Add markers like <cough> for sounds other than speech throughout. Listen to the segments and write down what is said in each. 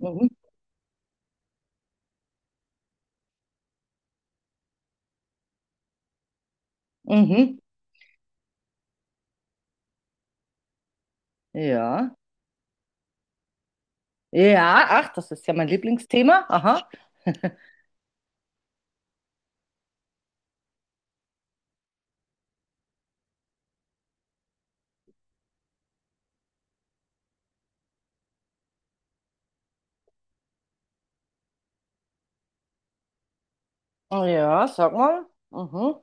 Mhm. Mhm. Ja. Ja, ach, das ist ja mein Lieblingsthema. Aha. <laughs> Oh ja, sag mal. Mhm.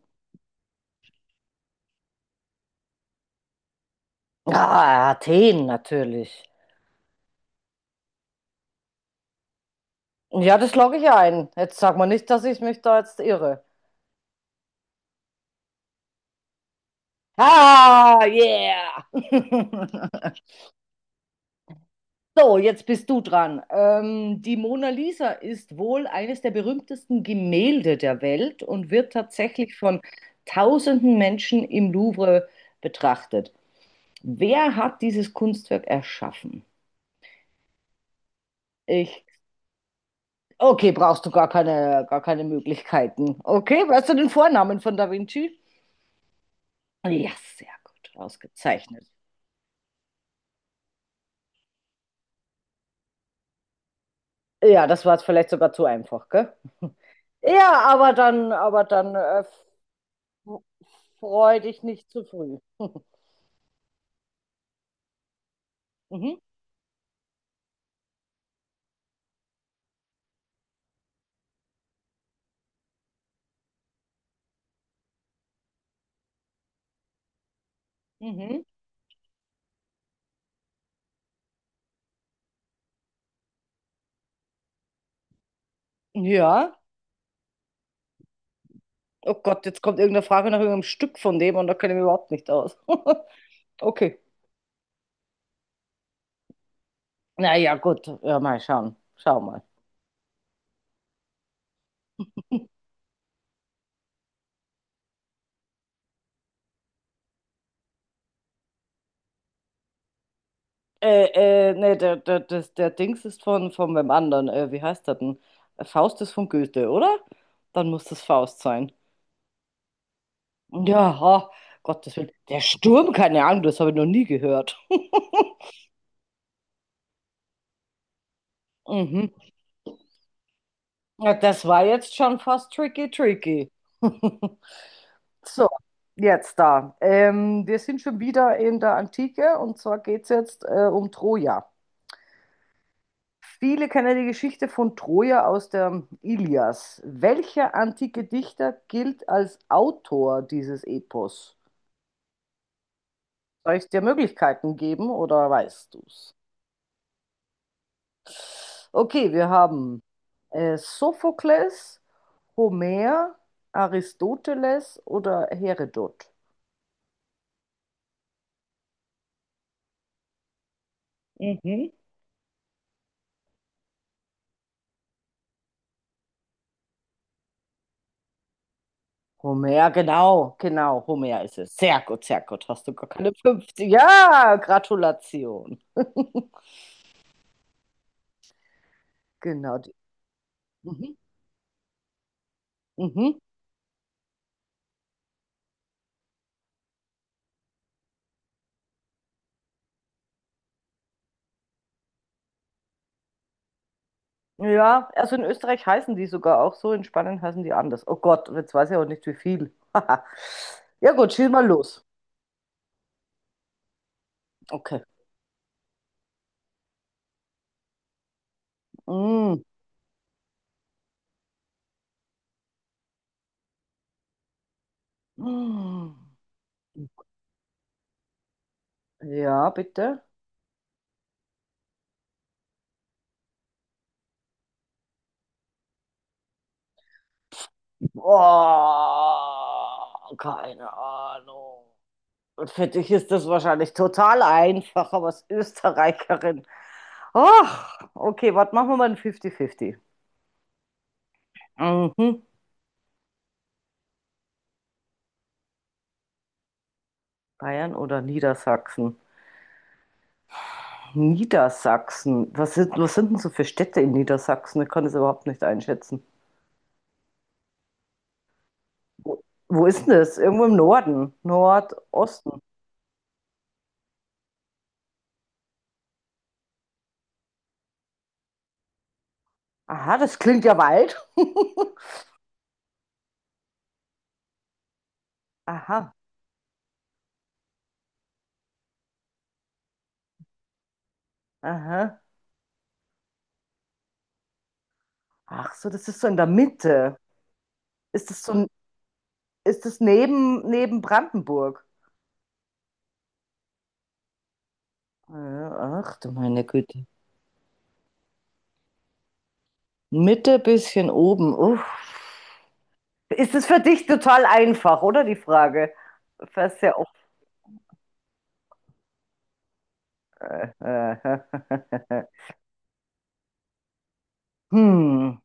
Ja, Athen natürlich. Ja, das logge ich ja ein. Jetzt sag mal nicht, dass ich mich da jetzt irre. Ah, yeah! <laughs> So, jetzt bist du dran. Die Mona Lisa ist wohl eines der berühmtesten Gemälde der Welt und wird tatsächlich von tausenden Menschen im Louvre betrachtet. Wer hat dieses Kunstwerk erschaffen? Ich. Okay, brauchst du gar keine Möglichkeiten. Okay, weißt du den Vornamen von Da Vinci? Ja, sehr gut, ausgezeichnet. Ja, das war jetzt vielleicht sogar zu einfach, gell? Ja, aber dann freu dich nicht zu früh. <laughs> Mhm, mhm. Ja. Oh Gott, jetzt kommt irgendeine Frage nach irgendeinem Stück von dem und da kenne ich mich überhaupt nicht aus. <laughs> Okay. Naja, gut. Ja, mal schauen. Schau mal. Nee, der Dings ist von meinem anderen. Wie heißt der denn? Faust ist von Goethe, oder? Dann muss das Faust sein. Ja, oh, Gottes Willen. Der Sturm, keine Ahnung, das habe ich noch nie gehört. <laughs> Mhm. Ja, das war jetzt schon fast tricky, tricky. <laughs> So, jetzt da. Wir sind schon wieder in der Antike und zwar geht es jetzt um Troja. Viele kennen die Geschichte von Troja aus der Ilias. Welcher antike Dichter gilt als Autor dieses Epos? Soll ich dir Möglichkeiten geben oder weißt du es? Okay, wir haben Sophokles, Homer, Aristoteles oder Herodot. Mhm. Homer, genau, genau, Homer ist es. Sehr gut, sehr gut. Hast du gar keine 50? Ja, Gratulation. Genau. Die- Mhm, mhm. Ja, also in Österreich heißen die sogar auch so, in Spanien heißen die anders. Oh Gott, und jetzt weiß ich auch nicht, wie viel. <laughs> Ja gut, schieß mal los. Okay. Mm. Mm. Ja, bitte. Boah, keine Ahnung. Und für dich ist das wahrscheinlich total einfach, aber als Österreicherin. Ach, okay, was machen wir mal ein 50-50? Mhm. Bayern oder Niedersachsen? Niedersachsen. Was sind denn so für Städte in Niedersachsen? Ich kann das überhaupt nicht einschätzen. Wo, wo ist denn das? Irgendwo im Norden, Nordosten. Aha, das klingt ja weit. <laughs> Aha, aha. Ach so, das ist so in der Mitte. Ist das so, ein- ist das neben Brandenburg? Ja, ach du meine Güte. Mitte, bisschen oben. Uff. Ist es für dich total einfach, oder die Frage? Das ist ja auch. <laughs> Hm.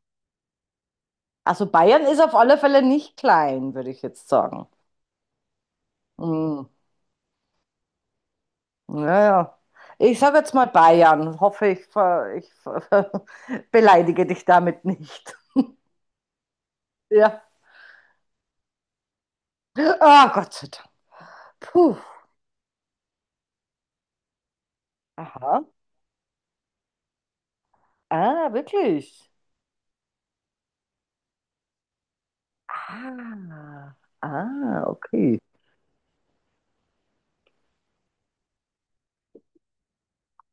Also Bayern ist auf alle Fälle nicht klein, würde ich jetzt sagen. Hm. Naja. Ich sage jetzt mal Bayern. Hoffe, <laughs> beleidige dich damit nicht. <laughs> Ja. Ah, Gott sei Dank. Puh. Aha. Ah, wirklich. Ah. Ah, okay.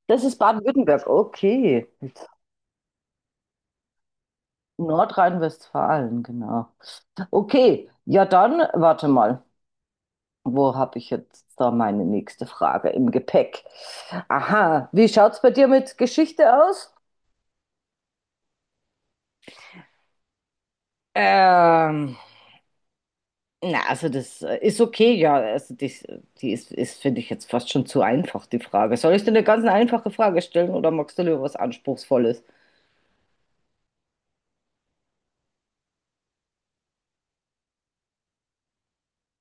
Das ist Baden-Württemberg. Okay. Nordrhein-Westfalen, genau. Okay. Ja, dann warte mal. Wo habe ich jetzt da meine nächste Frage im Gepäck? Aha, wie schaut's bei dir mit Geschichte aus? Ähm, na, also das ist okay, ja. Die ist, ist finde ich jetzt fast schon zu einfach, die Frage. Soll ich dir eine ganz einfache Frage stellen oder magst du lieber was Anspruchsvolles?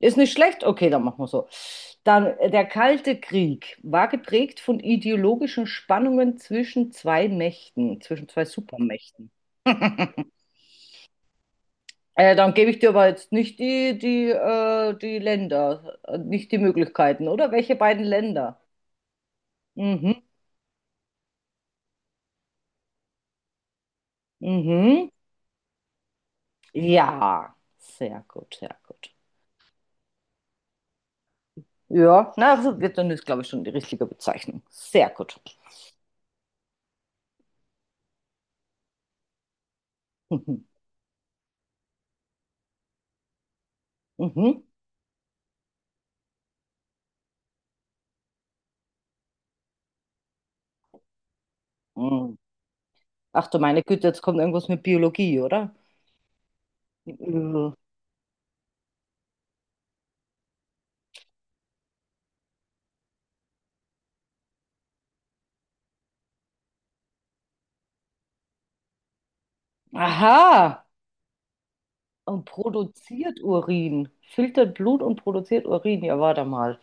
Ist nicht schlecht? Okay, dann machen wir so. Dann, der Kalte Krieg war geprägt von ideologischen Spannungen zwischen zwei Mächten, zwischen zwei Supermächten. <laughs> Dann gebe ich dir aber jetzt nicht die Länder, nicht die Möglichkeiten, oder? Welche beiden Länder? Mhm, mhm. Ja, sehr gut, sehr gut. Ja, na, also Vietnam ist, glaube ich, schon die richtige Bezeichnung. Sehr gut. Mhm, mhm. mhm. Ach du meine Güte, jetzt kommt irgendwas mit Biologie, oder? Mhm. Aha, und produziert Urin, filtert Blut und produziert Urin. Ja, warte mal.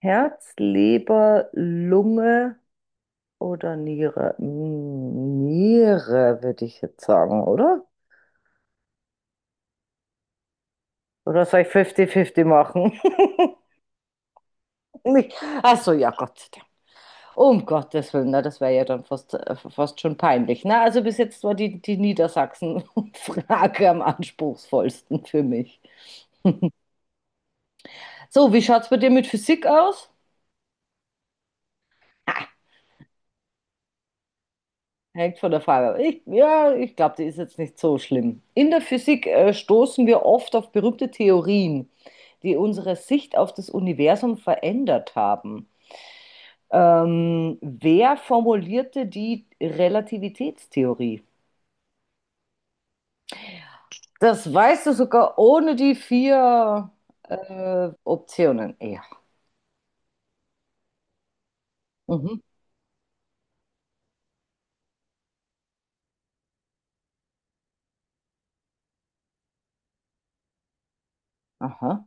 Herz, Leber, Lunge. Oder Niere. Hm, Niere, würde ich jetzt sagen, oder? Oder soll ich 50-50 machen? <laughs> Nicht- Ach so, ja, Gott sei Dank. Um Gottes Willen, na, das wäre ja dann fast, fast schon peinlich. Na, also bis jetzt war die Niedersachsen-Frage <laughs> am anspruchsvollsten für mich. So, wie schaut es bei dir mit Physik aus? Hängt von der Frage ab. Ja, ich glaube, die ist jetzt nicht so schlimm. In der Physik stoßen wir oft auf berühmte Theorien, die unsere Sicht auf das Universum verändert haben. Wer formulierte die Relativitätstheorie? Das weißt du sogar ohne die vier Optionen. Ja. Mhm. Aha.